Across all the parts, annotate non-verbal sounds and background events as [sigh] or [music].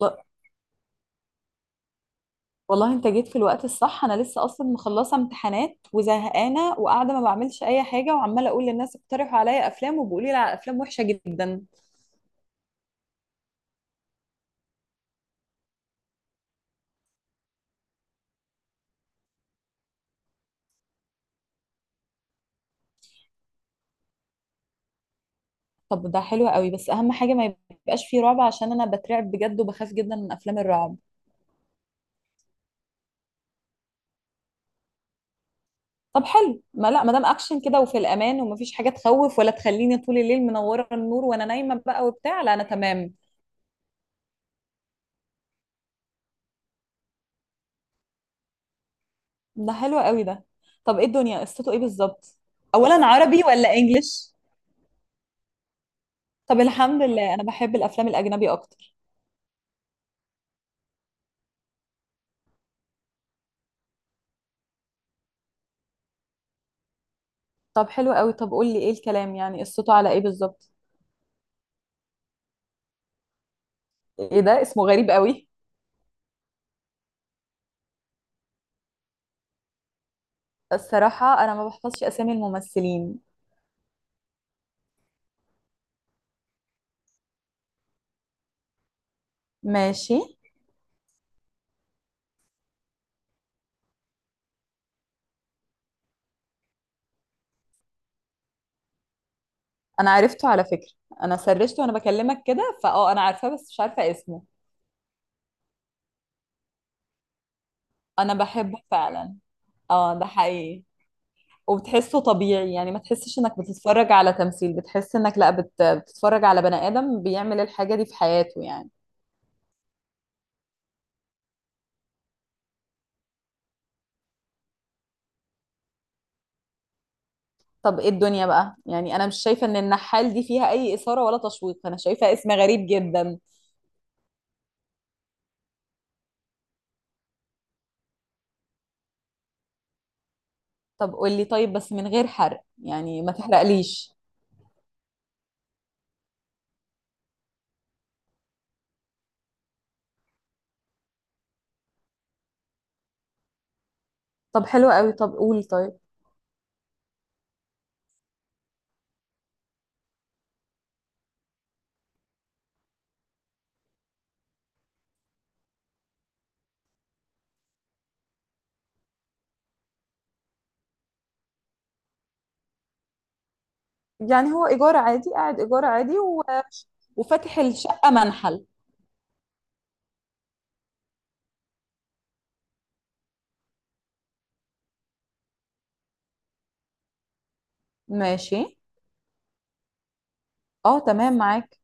والله والله انت جيت في الوقت الصح. انا لسه اصلا مخلصه امتحانات وزهقانه وقاعده ما بعملش اي حاجه، وعماله اقول للناس اقترحوا عليا افلام وبيقولوا لي على افلام وحشه جدا. طب ده حلو قوي، بس اهم حاجه ما يبقاش فيه رعب، عشان انا بترعب بجد وبخاف جدا من افلام الرعب. طب حلو، ما لا ما دام اكشن كده وفي الامان ومفيش حاجه تخوف ولا تخليني طول الليل منوره النور وانا نايمه بقى وبتاع، لا انا تمام. ده حلو قوي ده. طب ايه الدنيا، قصته ايه بالظبط؟ اولا عربي ولا انجليش؟ طب الحمد لله انا بحب الافلام الاجنبي اكتر. طب حلو قوي، طب قول لي ايه الكلام يعني، قصته على ايه بالظبط؟ ايه ده، اسمه غريب قوي. الصراحة انا ما بحفظش اسامي الممثلين. ماشي. انا عرفته على فكرة، انا سرشته وانا بكلمك كده، فاه انا عارفاه بس مش عارفة اسمه. انا بحبه فعلا. اه ده حقيقي، وبتحسه طبيعي يعني ما تحسش انك بتتفرج على تمثيل، بتحس انك لا بتتفرج على بني ادم بيعمل الحاجة دي في حياته يعني. طب ايه الدنيا بقى، يعني انا مش شايفة ان النحال دي فيها اي اثارة ولا تشويق، انا شايفة اسم غريب جدا. طب قولي طيب بس من غير حرق، يعني ما تحرقليش. طب حلو قوي، طب قولي طيب. يعني هو إيجار عادي قاعد إيجار عادي وفاتح الشقة منحل. ماشي. اه تمام معاك.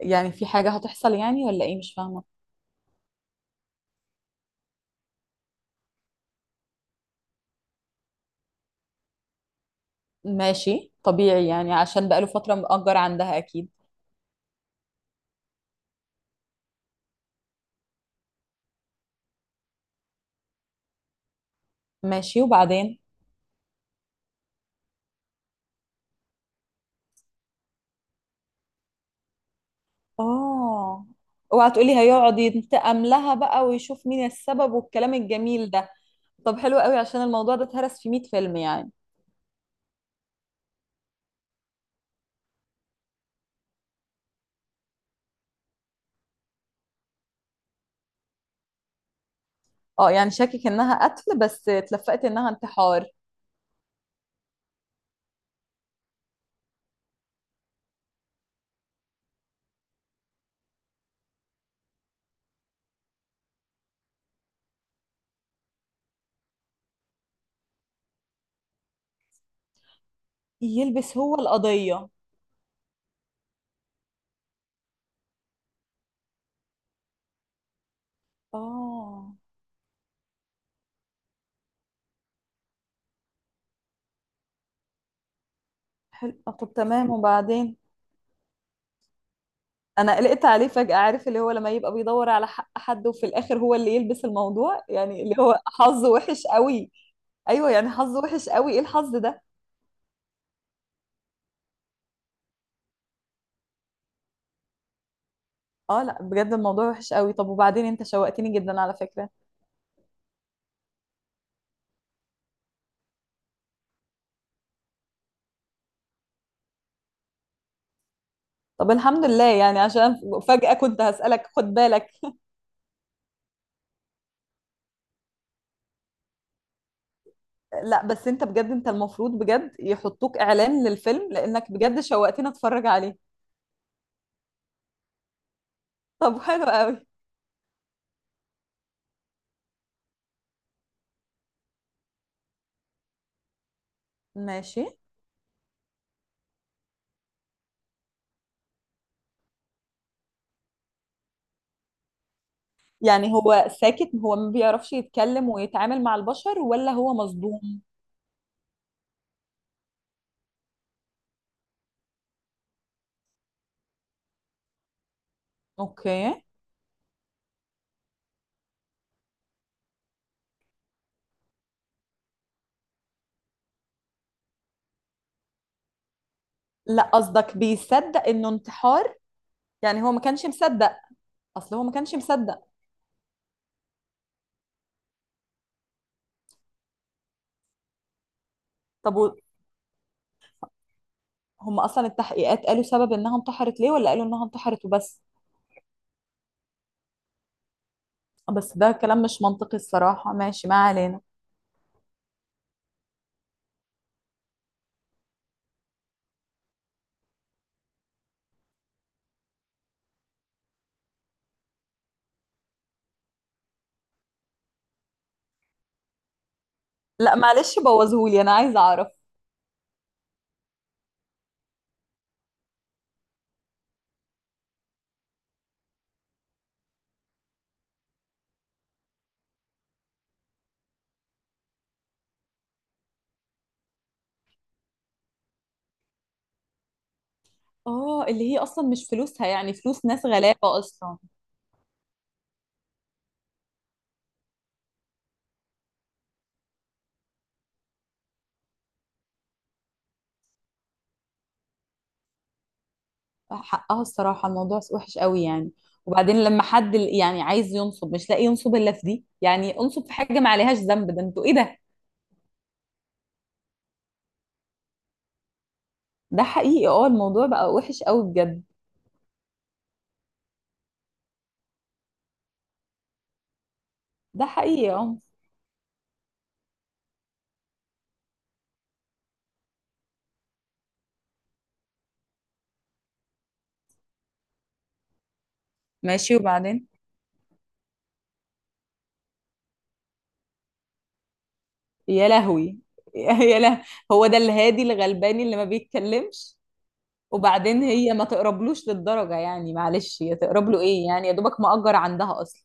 يعني في حاجة هتحصل يعني، ولا ايه مش فاهمة؟ ماشي طبيعي يعني عشان بقاله فترة مأجر عندها أكيد. ماشي وبعدين. اه اوعى تقولي هيقعد ينتقم لها بقى ويشوف مين السبب والكلام الجميل ده. طب حلو قوي، عشان الموضوع ده اتهرس في 100 فيلم يعني. اه يعني شاكك انها قتل بس اتلفقت انها انتحار. يلبس هو القضية. اه حلو، طب تمام وبعدين. انا قلقت عليه فجأة، عارف اللي هو لما يبقى بيدور على حق حد وفي الاخر هو اللي يلبس الموضوع، يعني اللي هو حظه وحش قوي. ايوه، يعني حظه وحش قوي، ايه الحظ ده. اه لا بجد الموضوع وحش قوي. طب وبعدين، انت شوقتني جدا على فكرة. طب الحمد لله يعني، عشان فجأة كنت هسألك خد بالك. لا بس انت بجد، انت المفروض بجد يحطوك اعلان للفيلم، لانك بجد شوقتني اتفرج عليه. طب حلو قوي. ماشي. يعني هو ساكت، هو ما بيعرفش يتكلم ويتعامل مع البشر، ولا هو مصدوم؟ اوكي. لا قصدك بيصدق انه انتحار؟ يعني هو ما كانش مصدق. اصل هو ما كانش مصدق. طب و- هم اصلا التحقيقات قالوا سبب انها انتحرت ليه، ولا قالوا انها انتحرت وبس؟ بس ده كلام مش منطقي الصراحة، ماشي ما علينا. لا معلش بوظهولي انا عايزة اعرف. اه اللي هي اصلا مش فلوسها، يعني فلوس ناس غلابه اصلا. حقها الصراحه الموضوع وحش قوي يعني. وبعدين لما حد يعني عايز ينصب مش لاقي ينصب الا في دي، يعني انصب في حاجه ما عليهاش ذنب، ده انتوا ايه ده. ده حقيقي اه، الموضوع بقى وحش قوي بجد. ده حقيقي اه. ماشي وبعدين. يا لهوي. [laughs] يا له. هو ده الهادي الغلباني اللي ما بيتكلمش. وبعدين هي ما تقربلوش للدرجه يعني، معلش يا تقرب له ايه يعني، يا دوبك مأجر عندها اصلا.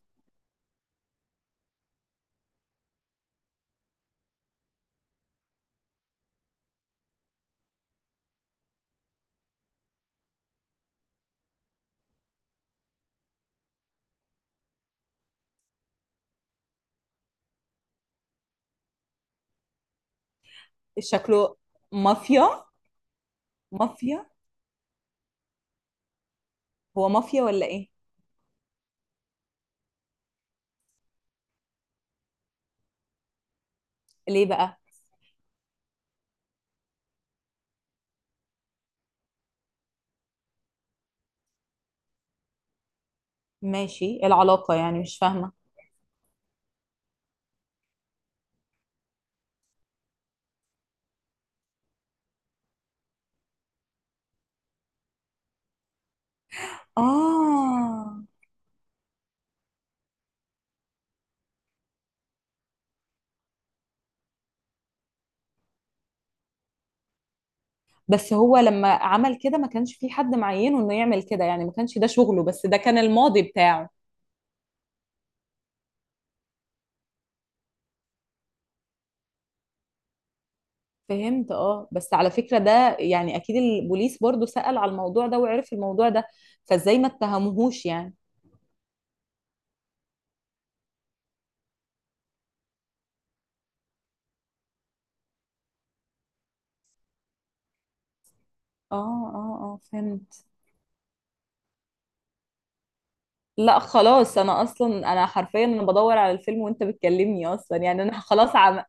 شكله مافيا. مافيا، هو مافيا ولا ايه؟ ليه بقى؟ ماشي، إيه العلاقة يعني مش فاهمة. اه بس هو لما عمل كده ما كانش في حد معينه انه يعمل كده، يعني ما كانش ده شغله، بس ده كان الماضي بتاعه. فهمت. اه بس على فكرة ده يعني اكيد البوليس برضو سأل على الموضوع ده وعرف الموضوع ده، فازاي ما اتهموهوش يعني. اه اه اه فهمت. لا خلاص انا اصلا، انا حرفيا انا بدور على الفيلم وانت بتكلمني اصلا، يعني انا خلاص عم.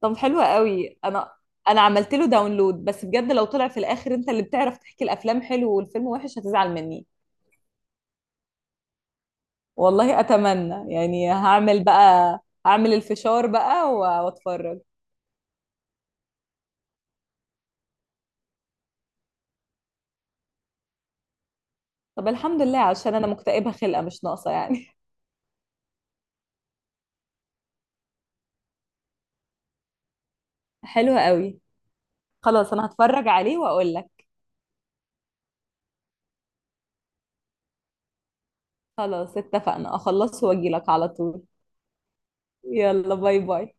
طب حلوة قوي. انا انا عملت له داونلود، بس بجد لو طلع في الاخر انت اللي بتعرف تحكي الافلام حلو والفيلم وحش هتزعل مني. والله اتمنى يعني، هعمل بقى هعمل الفشار بقى و- واتفرج. طب الحمد لله عشان انا مكتئبة خلقة مش ناقصة يعني. [laughs] حلوة قوي. خلاص انا هتفرج عليه واقول لك. خلاص اتفقنا، اخلصه واجي لك على طول. يلا باي باي.